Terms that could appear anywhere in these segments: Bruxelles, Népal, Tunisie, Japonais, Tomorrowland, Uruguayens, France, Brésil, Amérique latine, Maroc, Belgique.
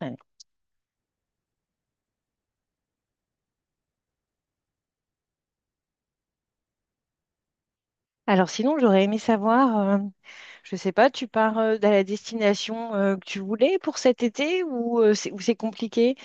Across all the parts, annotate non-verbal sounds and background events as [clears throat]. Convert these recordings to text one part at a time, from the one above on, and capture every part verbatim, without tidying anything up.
Ouais. Alors sinon, j'aurais aimé savoir, euh, je sais pas, tu pars euh, à la destination euh, que tu voulais pour cet été ou euh, c'est ou c'est compliqué?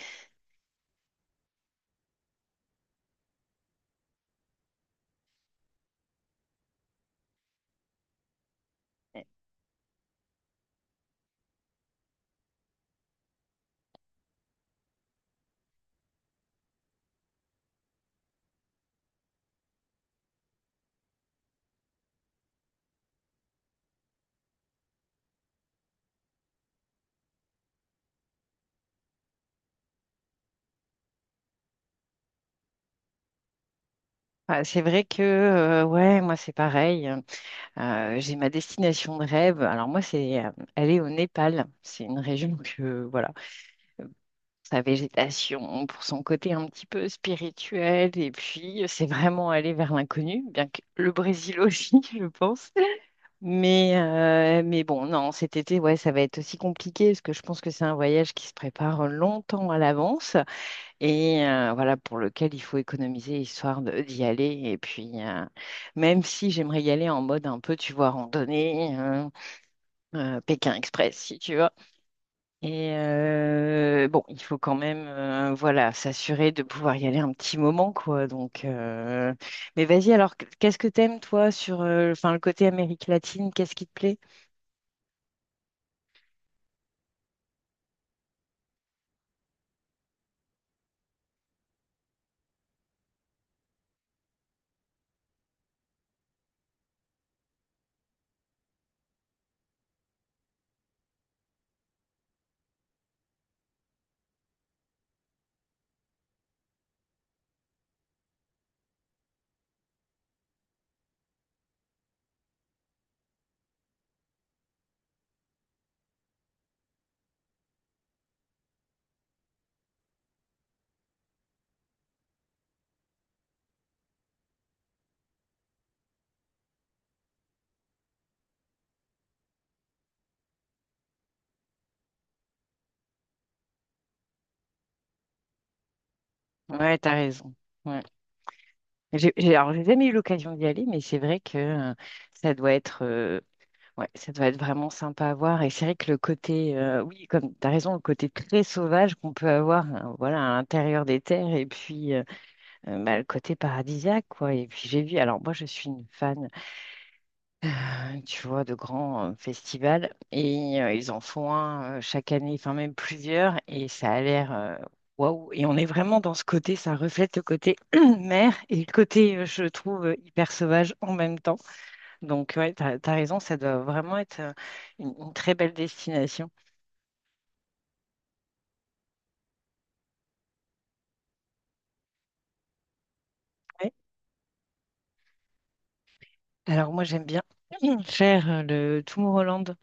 Ah, c'est vrai que euh, ouais, moi c'est pareil, hein. Euh, j'ai ma destination de rêve. Alors moi c'est euh, aller au Népal. C'est une région que voilà, sa végétation, pour son côté un petit peu spirituel, et puis c'est vraiment aller vers l'inconnu, bien que le Brésil aussi, [laughs] je pense. Mais, euh, mais bon, non, cet été, ouais, ça va être aussi compliqué parce que je pense que c'est un voyage qui se prépare longtemps à l'avance et euh, voilà, pour lequel il faut économiser histoire de- d'y aller. Et puis, euh, même si j'aimerais y aller en mode un peu, tu vois, randonnée, euh, euh, Pékin Express, si tu veux. Et euh, bon, il faut quand même, euh, voilà, s'assurer de pouvoir y aller un petit moment, quoi. Donc, euh, mais vas-y, alors, qu'est-ce que t'aimes, toi, sur, euh, enfin, le côté Amérique latine, qu'est-ce qui te plaît? Ouais, t'as raison. Ouais. J'ai, j'ai- alors, j'ai jamais eu l'occasion d'y aller, mais c'est vrai que euh, ça doit être, euh, ouais, ça doit être vraiment sympa à voir. Et c'est vrai que le côté, euh, oui, comme t'as raison, le côté très sauvage qu'on peut avoir, euh, voilà, à l'intérieur des terres, et puis euh, euh, bah, le côté paradisiaque, quoi. Et puis j'ai vu, alors moi, je suis une fan, tu vois, de grands euh, festivals. Et euh, ils en font un euh, chaque année, enfin même plusieurs. Et ça a l'air euh, waouh. Et on est vraiment dans ce côté, ça reflète le côté [clears throat] mer et le côté, euh, je trouve, euh, hyper sauvage en même temps. Donc, ouais, t'as, t'as raison, ça doit vraiment être euh, une, une très belle destination. Ouais. Alors, moi, j'aime bien [clears throat] faire euh, le Tomorrowland.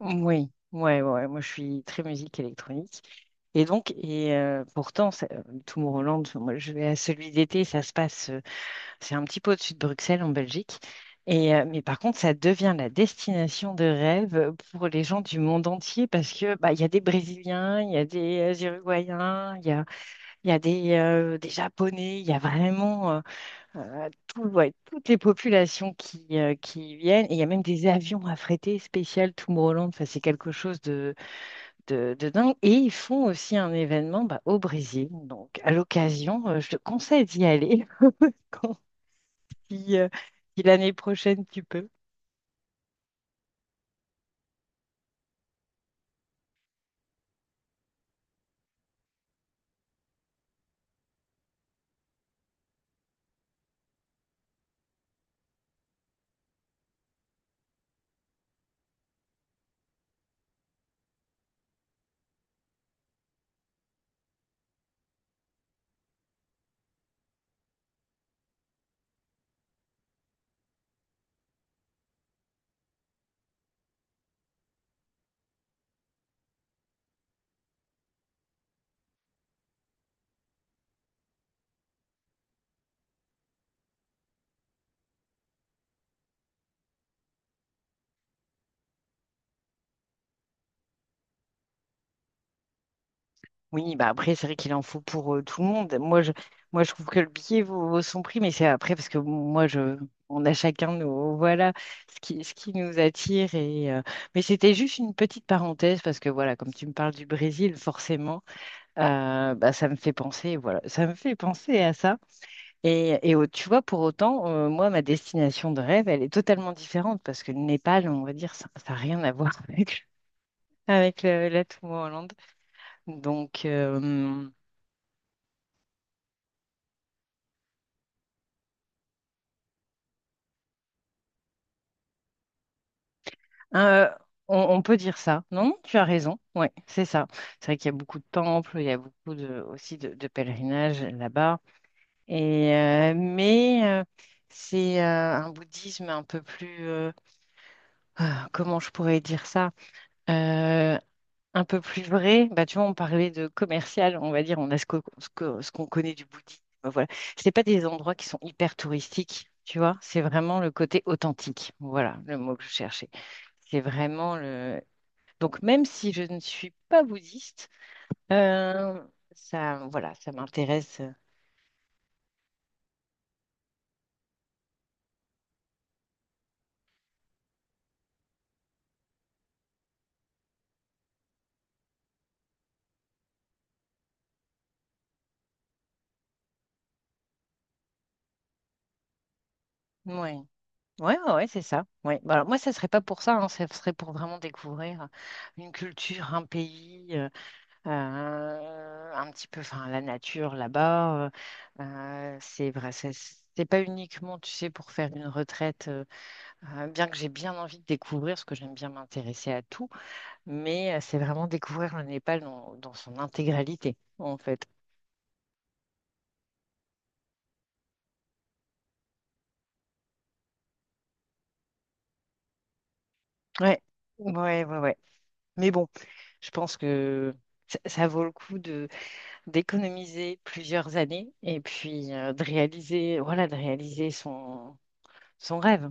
Oui, ouais, ouais, ouais, moi, je suis très musique électronique. Et donc, et euh, pourtant, ça- euh, Tomorrowland, enfin, moi, je vais à celui d'été, ça se passe, euh, c'est un petit peu au-dessus de Bruxelles, en Belgique. Et, euh, mais par contre, ça devient la destination de rêve pour les gens du monde entier parce que bah, il y a des Brésiliens, il y a des euh, Uruguayens, il y a, il y a des, euh, des Japonais, il y a vraiment euh, euh, tout- ouais, toutes les populations qui, euh, qui y viennent. Et il y a même des avions affrétés spécial Tomorrowland. Enfin, c'est quelque chose de, de dingue. Et ils font aussi un événement bah, au Brésil. Donc, à l'occasion, euh, je te conseille d'y aller [laughs] quand, si, euh, si l'année prochaine tu peux. Oui, bah après, c'est vrai qu'il en faut pour euh, tout le monde. Moi, je, moi, je trouve que le billet vaut, vaut son prix, mais c'est après parce que moi, je, on a chacun nos, voilà, ce qui, ce qui nous attire. Et, euh, mais c'était juste une petite parenthèse parce que voilà, comme tu me parles du Brésil, forcément, euh, bah, ça me fait penser, voilà, ça me fait penser à ça. Et, et au- tu vois, pour autant, euh, moi, ma destination de rêve, elle est totalement différente parce que le Népal, on va dire, ça n'a rien à voir [laughs] avec, avec le- la Tomorrowland. Donc, euh, euh, on, on peut dire ça. Non, non, tu as raison. Ouais, c'est ça. C'est vrai qu'il y a beaucoup de temples, il y a beaucoup de, aussi de, de pèlerinages là-bas. Et, euh, mais euh, c'est euh, un bouddhisme un peu plus… euh, ah, comment je pourrais dire ça? Euh, un peu plus vrai, bah, tu vois, on parlait de commercial, on va dire, on a ce que, ce que- ce qu'on connaît du bouddhisme, voilà. C'est pas des endroits qui sont hyper touristiques, tu vois, c'est vraiment le côté authentique, voilà, le mot que je cherchais. C'est vraiment le… Donc, même si je ne suis pas bouddhiste, euh, ça, voilà, ça m'intéresse. Oui, ouais, ouais, ouais, ouais, c'est ça. Ouais. Bah, alors, moi, ça serait pas pour ça, hein, ça serait pour vraiment découvrir une culture, un pays. Euh, euh, un petit peu, enfin, la nature là-bas. Euh, euh, c'est vrai, c'est c'est pas uniquement, tu sais, pour faire une retraite, euh, euh, bien que j'ai bien envie de découvrir, parce que j'aime bien m'intéresser à tout, mais euh, c'est vraiment découvrir le Népal dans, dans son intégralité, en fait. Ouais, ouais, ouais, ouais. Mais bon, je pense que ça, ça vaut le coup de d'économiser plusieurs années et puis euh, de réaliser, voilà, de réaliser son, son rêve.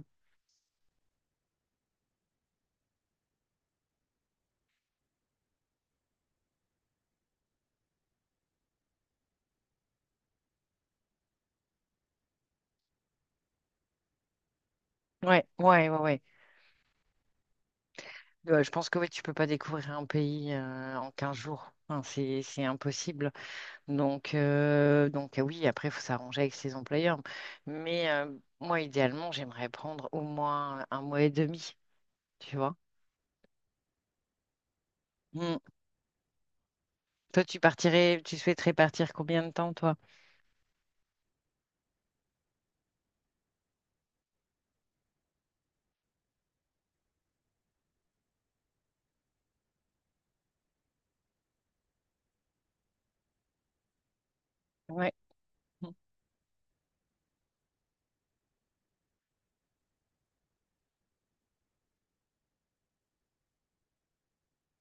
Ouais, ouais, ouais, ouais. Ouais, je pense que oui, tu peux pas découvrir un pays euh, en quinze jours. Enfin, c'est, c'est impossible. Donc, euh, donc euh, oui, après, il faut s'arranger avec ses employeurs. Mais euh, moi, idéalement, j'aimerais prendre au moins un mois et demi, tu vois. Mm. Toi, tu partirais, tu souhaiterais partir combien de temps, toi? Ouais. Mm.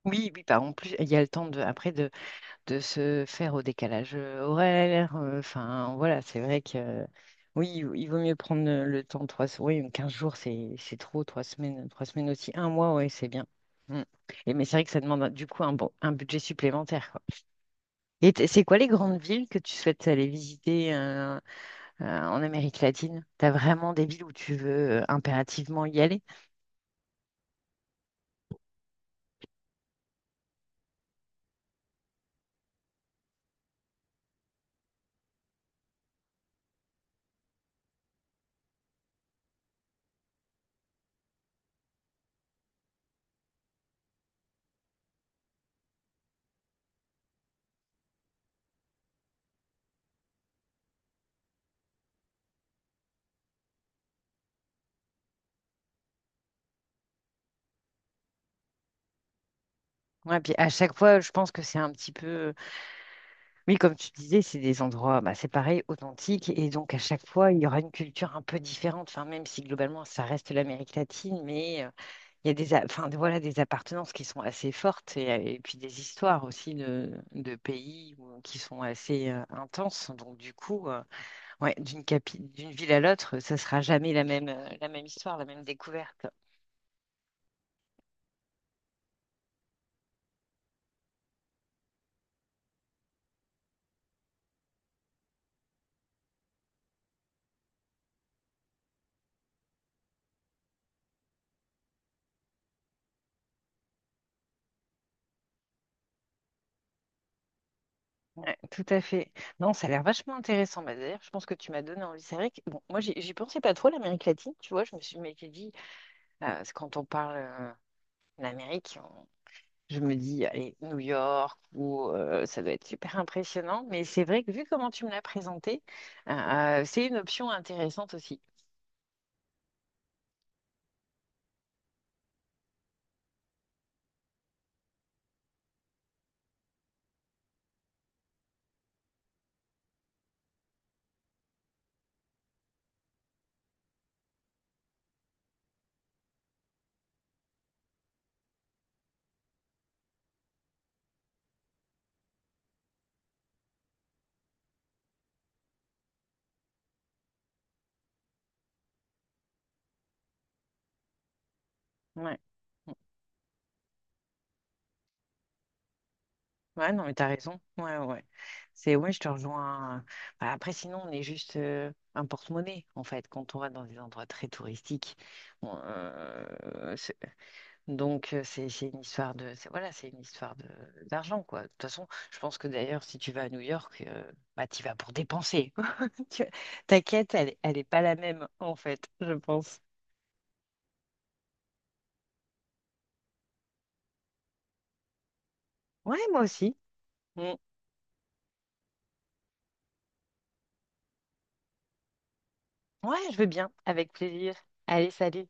Oui, oui, bah, en plus, il y a le temps de, après de se faire au décalage euh, horaire. euh, Enfin, voilà, c'est vrai que euh, oui, il il vaut mieux prendre euh, le temps, trois, se- oui, quinze jours, c'est c'est trop, trois semaines, trois semaines aussi, un mois, ouais, c'est bien. Mm. Et mais c'est vrai que ça demande du coup un, bon, un budget supplémentaire, quoi. Et t- c'est quoi les grandes villes que tu souhaites aller visiter euh, euh, en Amérique latine? T'as vraiment des villes où tu veux euh, impérativement y aller? Ouais, puis à chaque fois, je pense que c'est un petit peu. Oui, comme tu disais, c'est des endroits, bah, c'est pareil, authentiques, et donc à chaque fois, il y aura une culture un peu différente, enfin, même si globalement, ça reste l'Amérique latine, mais euh, il y a des, a- enfin, voilà, des appartenances qui sont assez fortes, et, euh, et puis des histoires aussi de, de pays où- qui sont assez euh, intenses, donc du coup, euh, ouais, d'une capi- d'une ville à l'autre, ça sera jamais la même, euh, la même histoire, la même découverte. Ouais, tout à fait. Non, ça a l'air vachement intéressant. Bah, d'ailleurs, je pense que tu m'as donné envie. C'est vrai que bon, moi, j'y j'y pensais pas trop à l'Amérique latine, tu vois. Je me suis mais j'ai dit, Euh, c'est quand on parle euh, de l'Amérique, on- je me dis, allez, New York, ou euh, ça doit être super impressionnant. Mais c'est vrai que vu comment tu me l'as présenté, euh, c'est une option intéressante aussi. Ouais. Ouais, non, mais t'as raison. Ouais, ouais, ouais. C'est, ouais, je te rejoins. Bah, après, sinon, on est juste euh, un porte-monnaie, en fait, quand on va dans des endroits très touristiques. on- euh, c'est- donc, euh, c'est c'est une histoire de, c'est- voilà, c'est une histoire de d'argent, quoi. De toute façon, je pense que d'ailleurs, si tu vas à New York, euh, bah, tu vas pour dépenser. [laughs] Tu- Ta quête, elle, elle est pas la même, en fait, je pense. Ouais, moi aussi. Mm. Ouais, je veux bien, avec plaisir. Allez, salut.